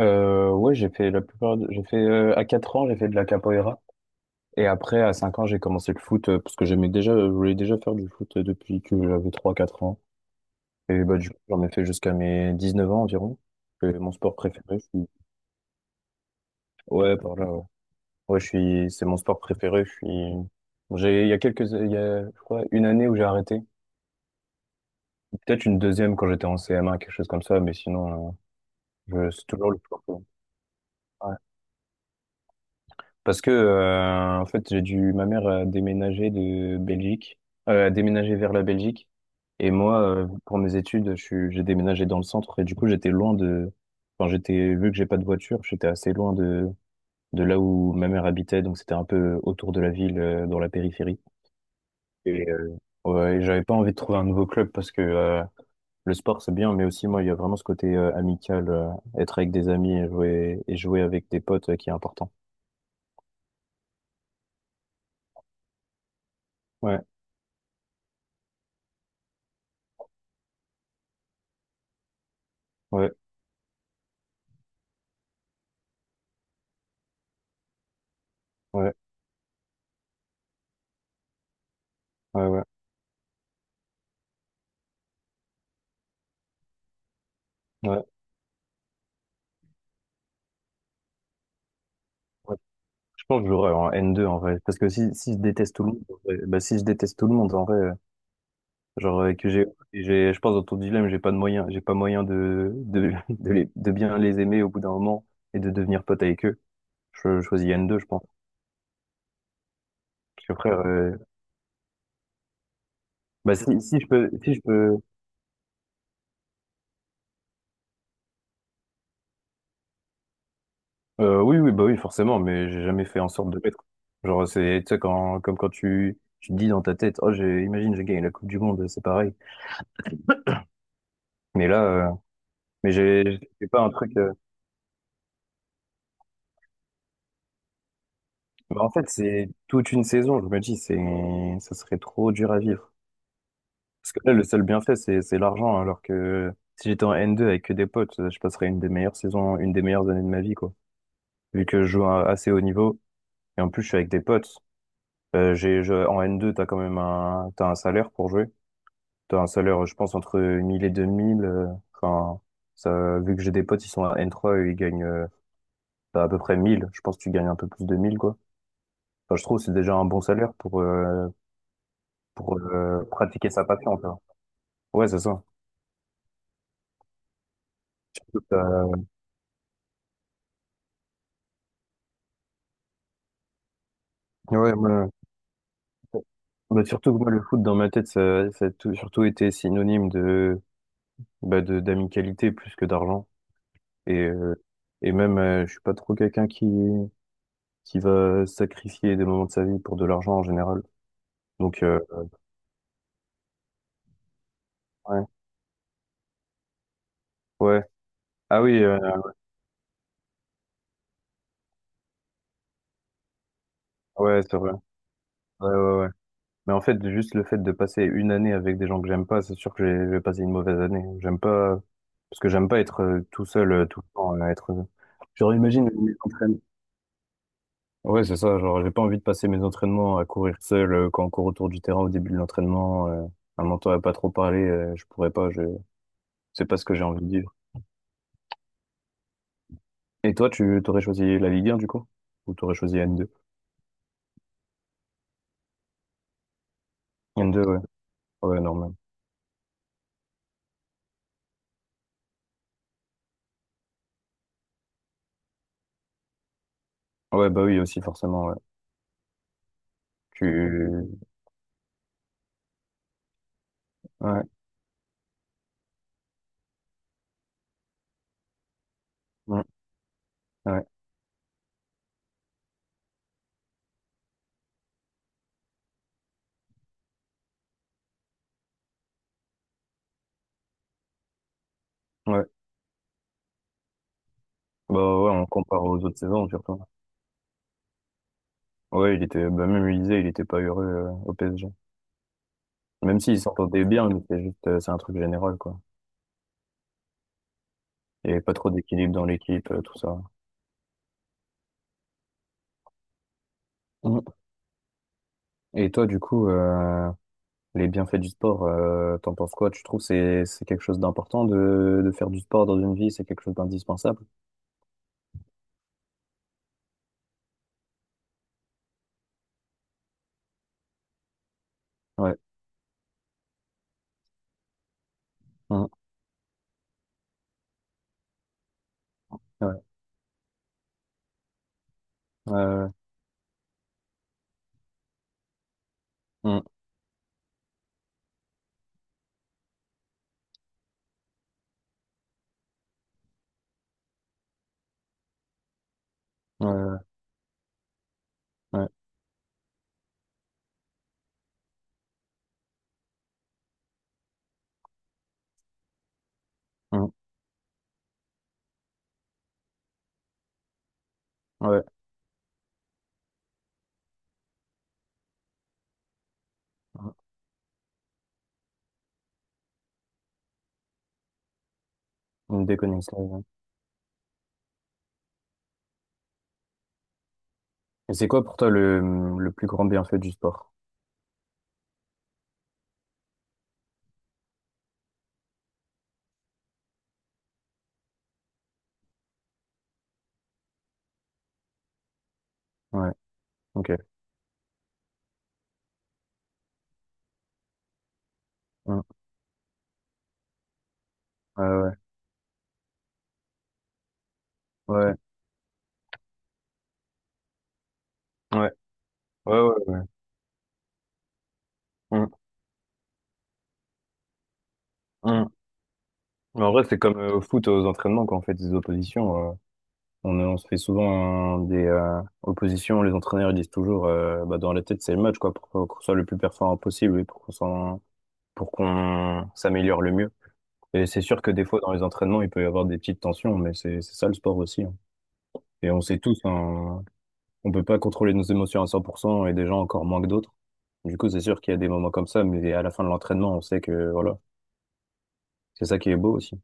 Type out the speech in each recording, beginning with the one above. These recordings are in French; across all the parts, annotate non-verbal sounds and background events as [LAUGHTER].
Ouais, j'ai fait la plupart. J'ai fait à 4 ans, j'ai fait de la capoeira. Et après, à 5 ans, j'ai commencé le foot parce que j'aimais déjà, je voulais déjà faire du foot depuis que j'avais trois quatre ans. Du coup, j'en ai fait jusqu'à mes 19 ans environ. C'est mon sport préféré. Ouais, par là, ouais. Ouais, c'est mon sport préféré. Je suis, j'ai, il y a quelques, il y a, je crois, une année où j'ai arrêté. Peut-être une deuxième quand j'étais en CM1, quelque chose comme ça, mais sinon, c'est toujours le sport. Parce que, en fait, ma mère a déménagé de Belgique, a déménagé vers la Belgique. Et moi, pour mes études, j'ai déménagé dans le centre. Et du coup, j'étais, vu que j'ai pas de voiture, j'étais assez loin de là où ma mère habitait. Donc, c'était un peu autour de la ville, dans la périphérie. Et, euh, ouais, et j'avais pas envie de trouver un nouveau club parce que, le sport, c'est bien, mais aussi, moi, il y a vraiment ce côté amical, être avec des amis et et jouer avec des potes, qui est important. Ouais, ouais, ouais, ouais, ouais. Ouais, ouais. Je pense que j'aurais un n deux en vrai. Parce que si je déteste tout le monde, bah si je déteste tout le monde en vrai, genre que j'ai, et j'ai, je pense dans ton dilemme, j'ai pas de moyen, j'ai pas moyen [LAUGHS] de bien les aimer au bout d'un moment et de devenir pote avec eux. Je choisis n deux je pense. Parce que frère, bah si, si je peux, si je peux, oui, oui, bah oui, forcément, mais j'ai jamais fait en sorte de l'être. Genre, tu sais, comme quand tu te dis dans ta tête, oh, imagine, j'ai gagné la Coupe du Monde, c'est pareil. Mais là, euh, mais j'ai, j'ai pas un truc. Bah, en fait, c'est toute une saison, je me dis, ça serait trop dur à vivre. Parce que là, le seul bienfait, c'est l'argent, hein, alors que si j'étais en N2 avec que des potes, je passerais une des meilleures saisons, une des meilleures années de ma vie, quoi. Vu que je joue à assez haut niveau, et en plus, je suis avec des potes. En N2, t'as quand même t'as un salaire pour jouer. T'as un salaire, je pense, entre 1000 et 2000. Enfin, vu que j'ai des potes, ils sont à N3, eux, ils gagnent, t'as à peu près 1000. Je pense que tu gagnes un peu plus de 1000, quoi. Enfin, je trouve que c'est déjà un bon salaire pour pratiquer sa passion, tu vois. Ouais, c'est ça. Euh, Ouais, moi, surtout que moi, le foot, dans ma tête, surtout été synonyme d'amicalité plus que d'argent. Et, euh, et même, je suis pas trop quelqu'un qui va sacrifier des moments de sa vie pour de l'argent en général. Donc, euh, ouais, ouais. Ah oui, euh, ouais, c'est vrai. Ouais, ouais, ouais. Mais en fait, juste le fait de passer une année avec des gens que j'aime pas, c'est sûr que je vais passer une mauvaise année. J'aime pas, parce que j'aime pas être tout seul tout le temps. Genre, imagine mes entraînements. Ouais, c'est ça, genre, j'ai pas envie de passer mes entraînements à courir seul quand on court autour du terrain au début de l'entraînement, un mentor à pas trop parler, je pourrais pas, c'est pas ce que j'ai envie de vivre. Et toi, tu t'aurais choisi la Ligue un du coup? Ou t'aurais choisi n deux ouais. Ouais, normal. Ouais, bah oui, aussi, forcément, ouais. Tu, ouais, ouais, ouais, ouais. Bah ouais, on compare aux autres saisons surtout. Ouais, bah même il disait, il était pas heureux au PSG. Même s'il s'entendait bien, mais c'est juste, c'est un truc général quoi. Il y avait pas trop d'équilibre dans l'équipe, tout ça. Mm. Et toi, du coup, les bienfaits du sport, t'en penses quoi? Tu trouves que c'est quelque chose d'important de faire du sport dans une vie, c'est quelque chose d'indispensable? Ouais. Mm. Ouais. Euh, mm. Euh, ouais. Mm. Ouais. Mm. Une déconnexion, ouais. Et c'est quoi pour toi le plus grand bienfait du sport? Ouais. Ok. Mm. Ouais, Ouais, ouais, ouais, ouais, ouais. Mm, mm. Mais en vrai, c'est comme au foot, aux entraînements, quand on fait des oppositions. On se fait souvent des oppositions. Les entraîneurs ils disent toujours, bah, dans la tête, c'est le match, quoi, pour qu'on soit le plus performant possible et pour pour qu'on s'améliore le mieux. Et c'est sûr que des fois, dans les entraînements, il peut y avoir des petites tensions, mais c'est ça le sport aussi, hein. Et on sait tous, hein, on peut pas contrôler nos émotions à 100% et des gens encore moins que d'autres. Du coup, c'est sûr qu'il y a des moments comme ça, mais à la fin de l'entraînement, on sait que, voilà, c'est ça qui est beau aussi.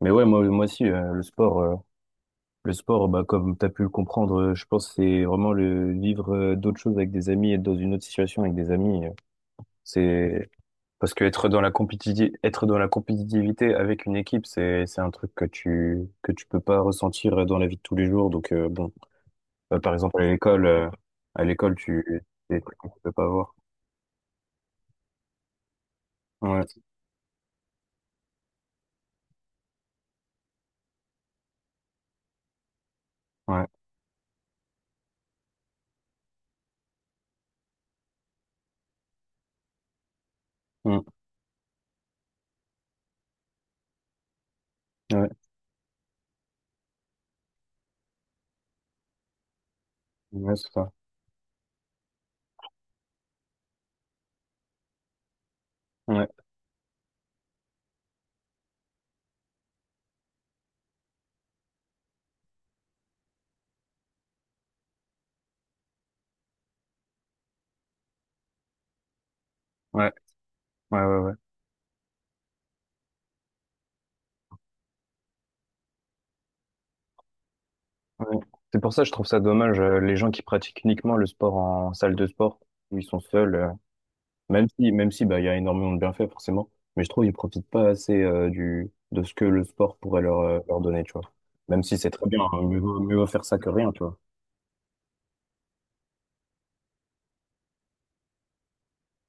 Mais ouais, moi aussi, le sport, bah, comme tu as pu le comprendre, je pense que c'est vraiment le vivre d'autres choses avec des amis, être dans une autre situation avec des amis. C'est parce que être dans la compétitivité, être dans la compétitivité avec une équipe, c'est un truc que que tu peux pas ressentir dans la vie de tous les jours. Donc, bon, par exemple, à l'école, c'est des trucs que tu peux pas avoir. Ouais, ouais, mm, ouais, ouais, c'est ça. Ouais, ouais, ouais, ouais, ouais. Ouais. C'est pour ça que je trouve ça dommage, les gens qui pratiquent uniquement le sport en salle de sport, où ils sont seuls, même si, bah, il y a énormément de bienfaits, forcément, mais je trouve qu'ils profitent pas assez, de ce que le sport pourrait leur, leur donner, tu vois. Même si c'est très bien, hein, mieux vaut faire ça que rien, tu vois.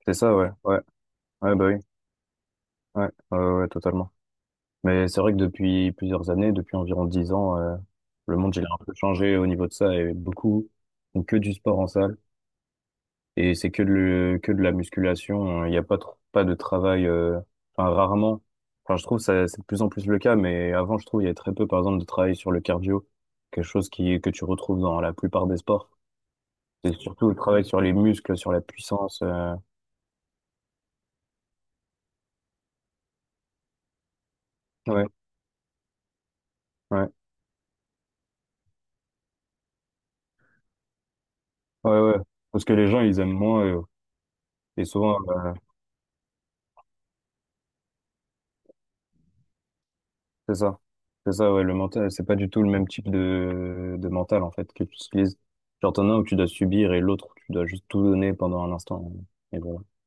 C'est ça, ouais, ouais, ouais, bah oui, ouais, ouais, ouais, ouais, totalement. Mais c'est vrai que depuis plusieurs années, depuis environ 10 ans, le monde, il a un peu changé au niveau de ça et beaucoup font que du sport en salle. Et c'est que de la musculation, hein. Il n'y a pas trop, pas de travail, enfin, rarement. Enfin, je trouve ça, c'est de plus en plus le cas, mais avant, je trouve, il y a très peu, par exemple, de travail sur le cardio. Quelque chose que tu retrouves dans la plupart des sports. C'est surtout le travail sur les muscles, sur la puissance. Ouais, ouais, ouais, ouais. Parce que les gens, ils aiment moins, et souvent, c'est ça. C'est ça, ouais, le mental, c'est pas du tout le même type de mental, en fait, que tu utilises. Genre, t'en as un où tu dois subir et l'autre où tu dois juste tout donner pendant un instant. Et voilà.